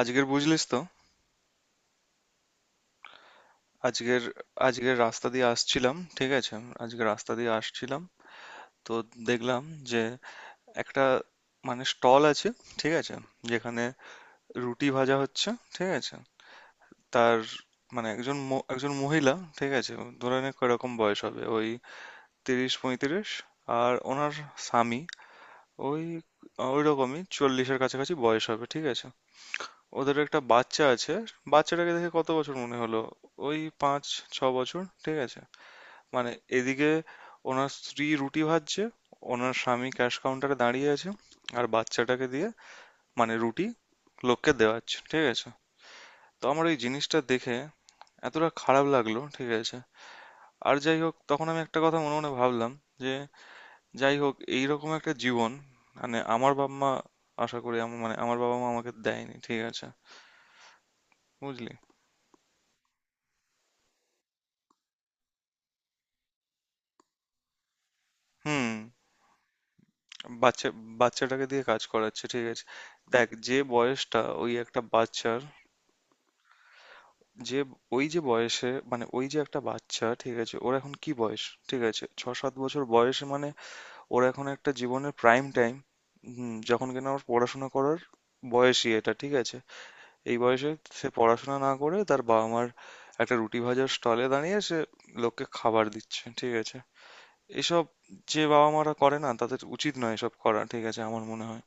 আজকের, বুঝলিস তো? আজকের আজকের রাস্তা দিয়ে আসছিলাম, ঠিক আছে? আজকে রাস্তা দিয়ে আসছিলাম, তো দেখলাম যে একটা, মানে, স্টল আছে, ঠিক আছে, যেখানে রুটি ভাজা হচ্ছে, ঠিক আছে। তার মানে একজন একজন মহিলা, ঠিক আছে, ধরে নে কিরকম বয়স হবে? ওই 30 35। আর ওনার স্বামী, ওই ওই রকমই চল্লিশের কাছাকাছি বয়স হবে, ঠিক আছে। ওদের একটা বাচ্চা আছে। বাচ্চাটাকে দেখে কত বছর মনে হলো? ওই 5 6 বছর, ঠিক আছে। মানে এদিকে ওনার স্ত্রী রুটি ভাজছে, ওনার স্বামী ক্যাশ কাউন্টারে দাঁড়িয়ে আছে, আর বাচ্চাটাকে দিয়ে, মানে, রুটি লোককে দেওয়াচ্ছে, ঠিক আছে। তো আমার ওই জিনিসটা দেখে এতটা খারাপ লাগলো, ঠিক আছে। আর যাই হোক, তখন আমি একটা কথা মনে মনে ভাবলাম যে, যাই হোক, এইরকম একটা জীবন, মানে, আমার বাবা মা, আশা করি আমার, মানে, আমার বাবা মা আমাকে দেয়নি, ঠিক আছে, বুঝলি। হুম। বাচ্চা বাচ্চাটাকে দিয়ে কাজ করাচ্ছে, ঠিক আছে। দেখ, যে বয়সটা ওই একটা বাচ্চার, যে ওই যে বয়সে, মানে ওই যে একটা বাচ্চা, ঠিক আছে, ওর এখন কি বয়স? ঠিক আছে, 6 7 বছর বয়সে, মানে ওর এখন একটা জীবনের প্রাইম টাইম। হুম। যখন কিনা ওর পড়াশোনা করার বয়সই এটা, ঠিক আছে। এই বয়সে সে পড়াশোনা না করে তার বাবা মার একটা রুটি ভাজার স্টলে দাঁড়িয়ে সে লোককে খাবার দিচ্ছে, ঠিক আছে। এসব যে বাবা মারা করে, না, তাদের উচিত নয় এসব করা, ঠিক আছে, আমার মনে হয়।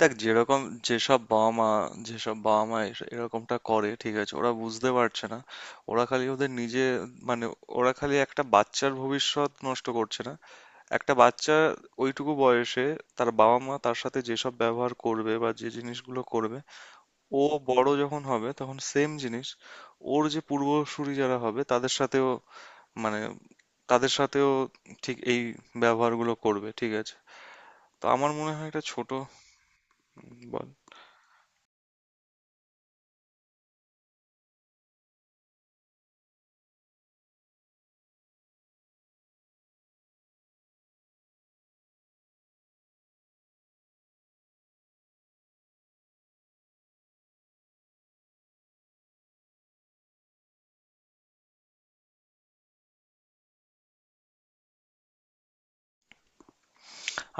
দেখ, যেরকম, যেসব বাবা মা যেসব বাবা মা এরকমটা করে, ঠিক আছে, ওরা বুঝতে পারছে না। ওরা খালি ওদের নিজে, মানে, ওরা খালি একটা বাচ্চার ভবিষ্যৎ নষ্ট করছে না, একটা বাচ্চা ওইটুকু বয়সে তার বাবা মা তার সাথে যেসব ব্যবহার করবে বা যে জিনিসগুলো করবে, ও বড় যখন হবে তখন সেম জিনিস, ওর যে পূর্বসূরি যারা হবে তাদের সাথেও, মানে তাদের সাথেও ঠিক এই ব্যবহারগুলো করবে, ঠিক আছে। তো আমার মনে হয় এটা ছোট। বল।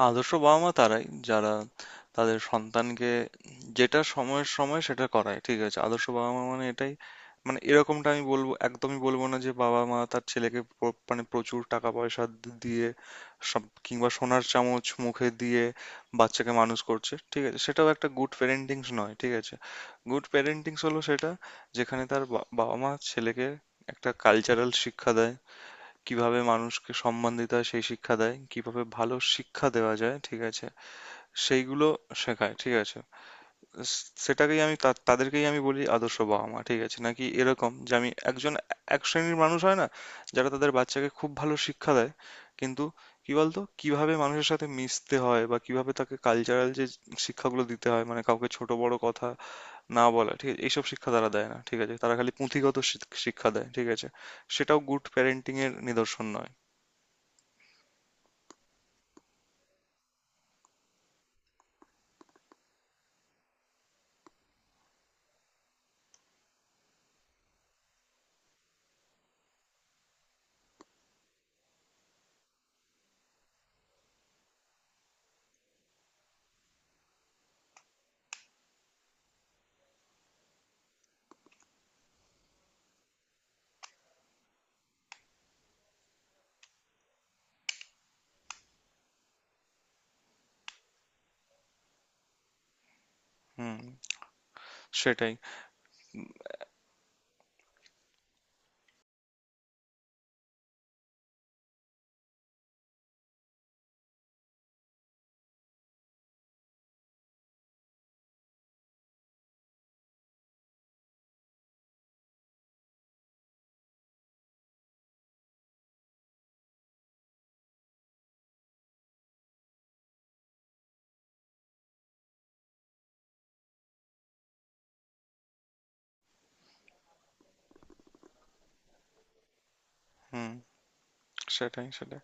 আদর্শ বাবা-মা তারাই, যারা তাদের সন্তানকে যেটা সময়ের সময় সেটা করায়। ঠিক আছে? আদর্শ বাবা-মা মানে এটাই। মানে এরকমটা আমি বলব, একদমই বলব না যে বাবা-মা তার ছেলেকে মানে প্রচুর টাকা-পয়সা দিয়ে সব, কিংবা সোনার চামচ মুখে দিয়ে বাচ্চাকে মানুষ করছে। ঠিক আছে? সেটাও একটা গুড প্যারেন্টিংস নয়। ঠিক আছে? গুড প্যারেন্টিংস হলো সেটা, যেখানে তার বাবা-মা ছেলেকে একটা কালচারাল শিক্ষা দেয়। কিভাবে মানুষকে সম্মান দিতে হয় সেই শিক্ষা দেয়, কিভাবে ভালো শিক্ষা দেওয়া যায়, ঠিক আছে, সেইগুলো শেখায়, ঠিক আছে। সেটাকেই আমি, তাদেরকেই আমি বলি আদর্শ বাবা মা, ঠিক আছে। নাকি এরকম যে, আমি একজন, এক শ্রেণীর মানুষ হয় না যারা তাদের বাচ্চাকে খুব ভালো শিক্ষা দেয়, কিন্তু, কি বলতো, কিভাবে মানুষের সাথে মিশতে হয় বা কিভাবে তাকে কালচারাল যে শিক্ষাগুলো দিতে হয়, মানে কাউকে ছোট বড় কথা না বলা, ঠিক আছে, এইসব শিক্ষা তারা দেয় না, ঠিক আছে, তারা খালি পুঁথিগত শিক্ষা দেয়, ঠিক আছে। সেটাও গুড প্যারেন্টিং এর নিদর্শন নয়। হুম। সেটাই। হুম। সেটাই, সেটাই,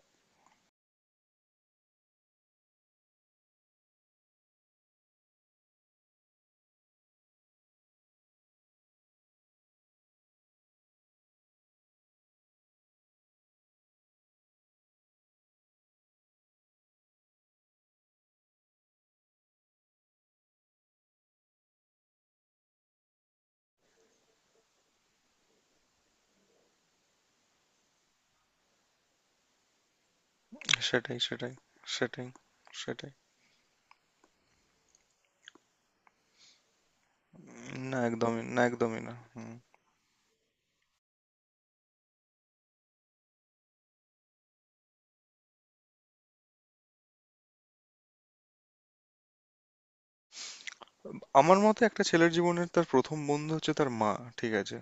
সেটাই, সেটাই, সেটাই, সেটাই। না, একদমই না, একদমই না। হুম। আমার মতে একটা ছেলের জীবনের তার প্রথম বন্ধু হচ্ছে তার মা, ঠিক আছে।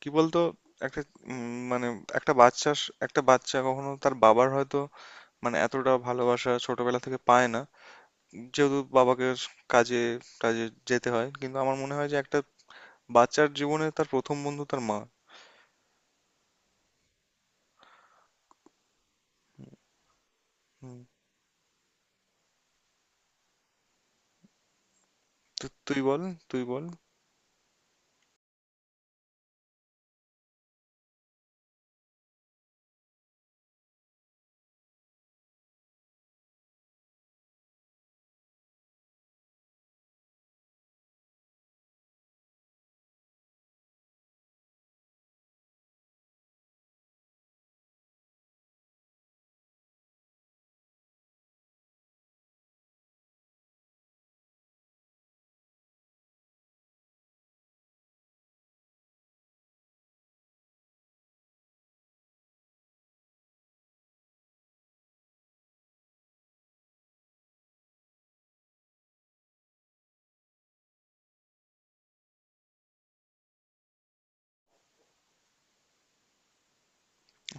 কি বলতো, একটা, মানে, একটা একটা বাচ্চা কখনো তার বাবার হয়তো, মানে, এতটা ভালোবাসা ছোটবেলা থেকে পায় না, যেহেতু বাবাকে কাজে, কাজে যেতে হয়। কিন্তু আমার মনে হয় যে একটা বাচ্চার জীবনে তার প্রথম বন্ধু তার মা। হুম। তুই বল, তুই বল।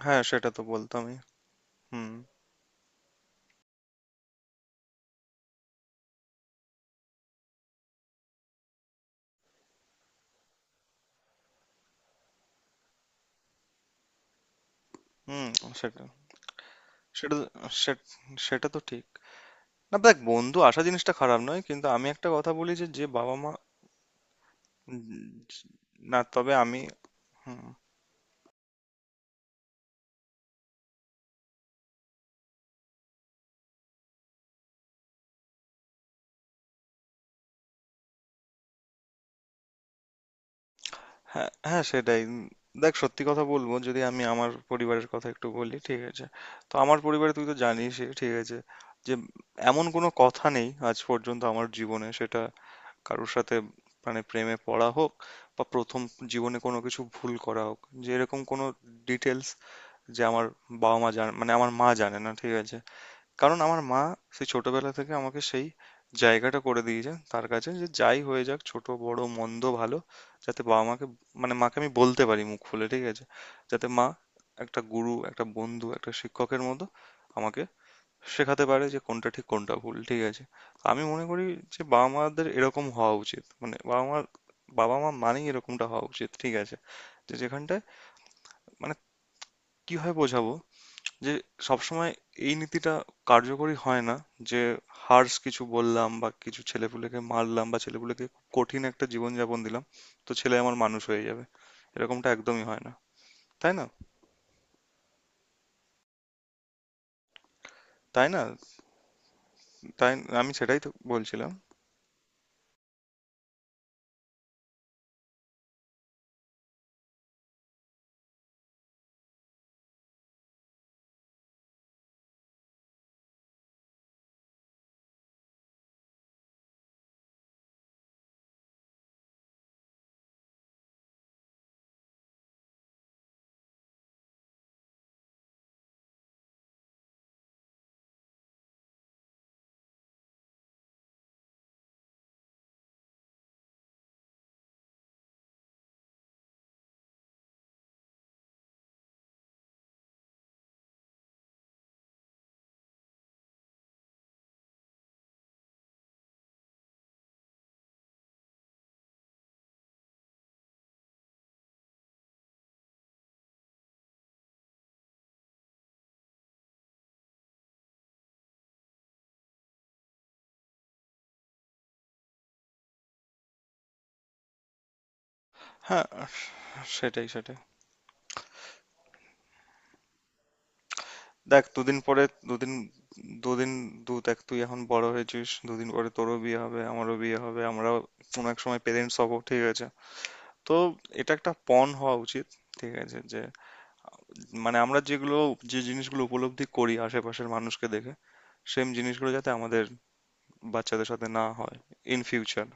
হ্যাঁ, সেটা তো বলতামই। হুম। হুম। সেটা সেটা তো সেট সেটা তো ঠিক। না, দেখ, বন্ধু আসা জিনিসটা খারাপ নয়, কিন্তু আমি একটা কথা বলি যে, যে বাবা-মা, না, তবে আমি, হুম। হ্যাঁ, হ্যাঁ, সেটাই। দেখ, সত্যি কথা বলবো, যদি আমি আমার পরিবারের কথা একটু বলি, ঠিক আছে। তো আমার পরিবারে তুই তো জানিস, ঠিক আছে, যে এমন কোনো কথা নেই আজ পর্যন্ত আমার জীবনে, সেটা কারোর সাথে, মানে প্রেমে পড়া হোক বা প্রথম জীবনে কোনো কিছু ভুল করা হোক, যে এরকম কোনো ডিটেলস যে আমার বাবা মা জানে, মানে আমার মা জানে না, ঠিক আছে। কারণ আমার মা সেই ছোটবেলা থেকে আমাকে সেই জায়গাটা করে দিয়েছে তার কাছে, যে যাই হয়ে যাক, ছোট বড় মন্দ ভালো, যাতে বাবা মাকে, মানে মাকে আমি বলতে পারি মুখ খুলে, ঠিক আছে, যাতে মা একটা গুরু, একটা বন্ধু, একটা শিক্ষকের মতো আমাকে শেখাতে পারে যে কোনটা ঠিক কোনটা ভুল, ঠিক আছে। আমি মনে করি যে বাবা মাদের এরকম হওয়া উচিত, মানে বাবা মা মানেই এরকমটা হওয়া উচিত, ঠিক আছে। যে যেখানটায়, মানে, কিভাবে বোঝাবো, যে সবসময় এই নীতিটা কার্যকরী হয় না, যে হার্শ কিছু বললাম বা কিছু ছেলেপুলেকে মারলাম বা ছেলেপুলেকে খুব কঠিন একটা জীবনযাপন দিলাম, তো ছেলে আমার মানুষ হয়ে যাবে, এরকমটা একদমই হয় না। তাই না? তাই না? তাই, আমি সেটাই তো বলছিলাম। হ্যাঁ। সেটাই, সেটাই। দেখ, দুদিন পরে, দুদিন দুদিন দু দেখ তুই এখন বড় হয়েছিস, দুদিন পরে তোরও বিয়ে হবে, আমারও বিয়ে হবে, আমরাও কোনো এক সময় পেরেন্টস হব, ঠিক আছে। তো এটা একটা পণ হওয়া উচিত, ঠিক আছে, যে, মানে আমরা যেগুলো, যে জিনিসগুলো উপলব্ধি করি আশেপাশের মানুষকে দেখে, সেম জিনিসগুলো যাতে আমাদের বাচ্চাদের সাথে না হয় ইন ফিউচার।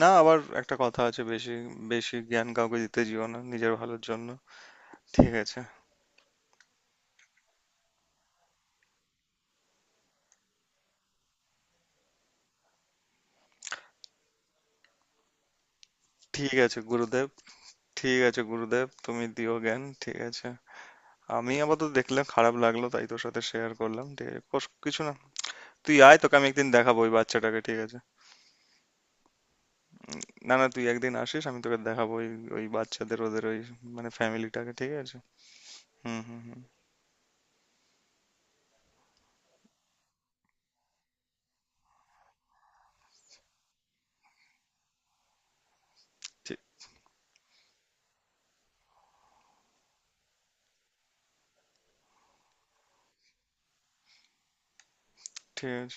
না, আবার একটা কথা আছে, বেশি, বেশি জ্ঞান কাউকে দিতে যেও না নিজের ভালোর জন্য, ঠিক আছে। ঠিক আছে গুরুদেব, ঠিক আছে গুরুদেব, তুমি দিও জ্ঞান, ঠিক আছে। আমি আপাতত দেখলাম, খারাপ লাগলো, তাই তোর সাথে শেয়ার করলাম, ঠিক আছে, কিছু না। তুই আয়, তোকে আমি একদিন দেখাবো ওই বাচ্চাটাকে, ঠিক আছে। না না, তুই একদিন আসিস, আমি তোকে দেখাবো ওই, ওই বাচ্চাদের, ওদের ওই, মানে, ফ্যামিলিটাকে, ঠিক আছে। হুম, হুম, হুম। ঠিক, ঠিক আছে।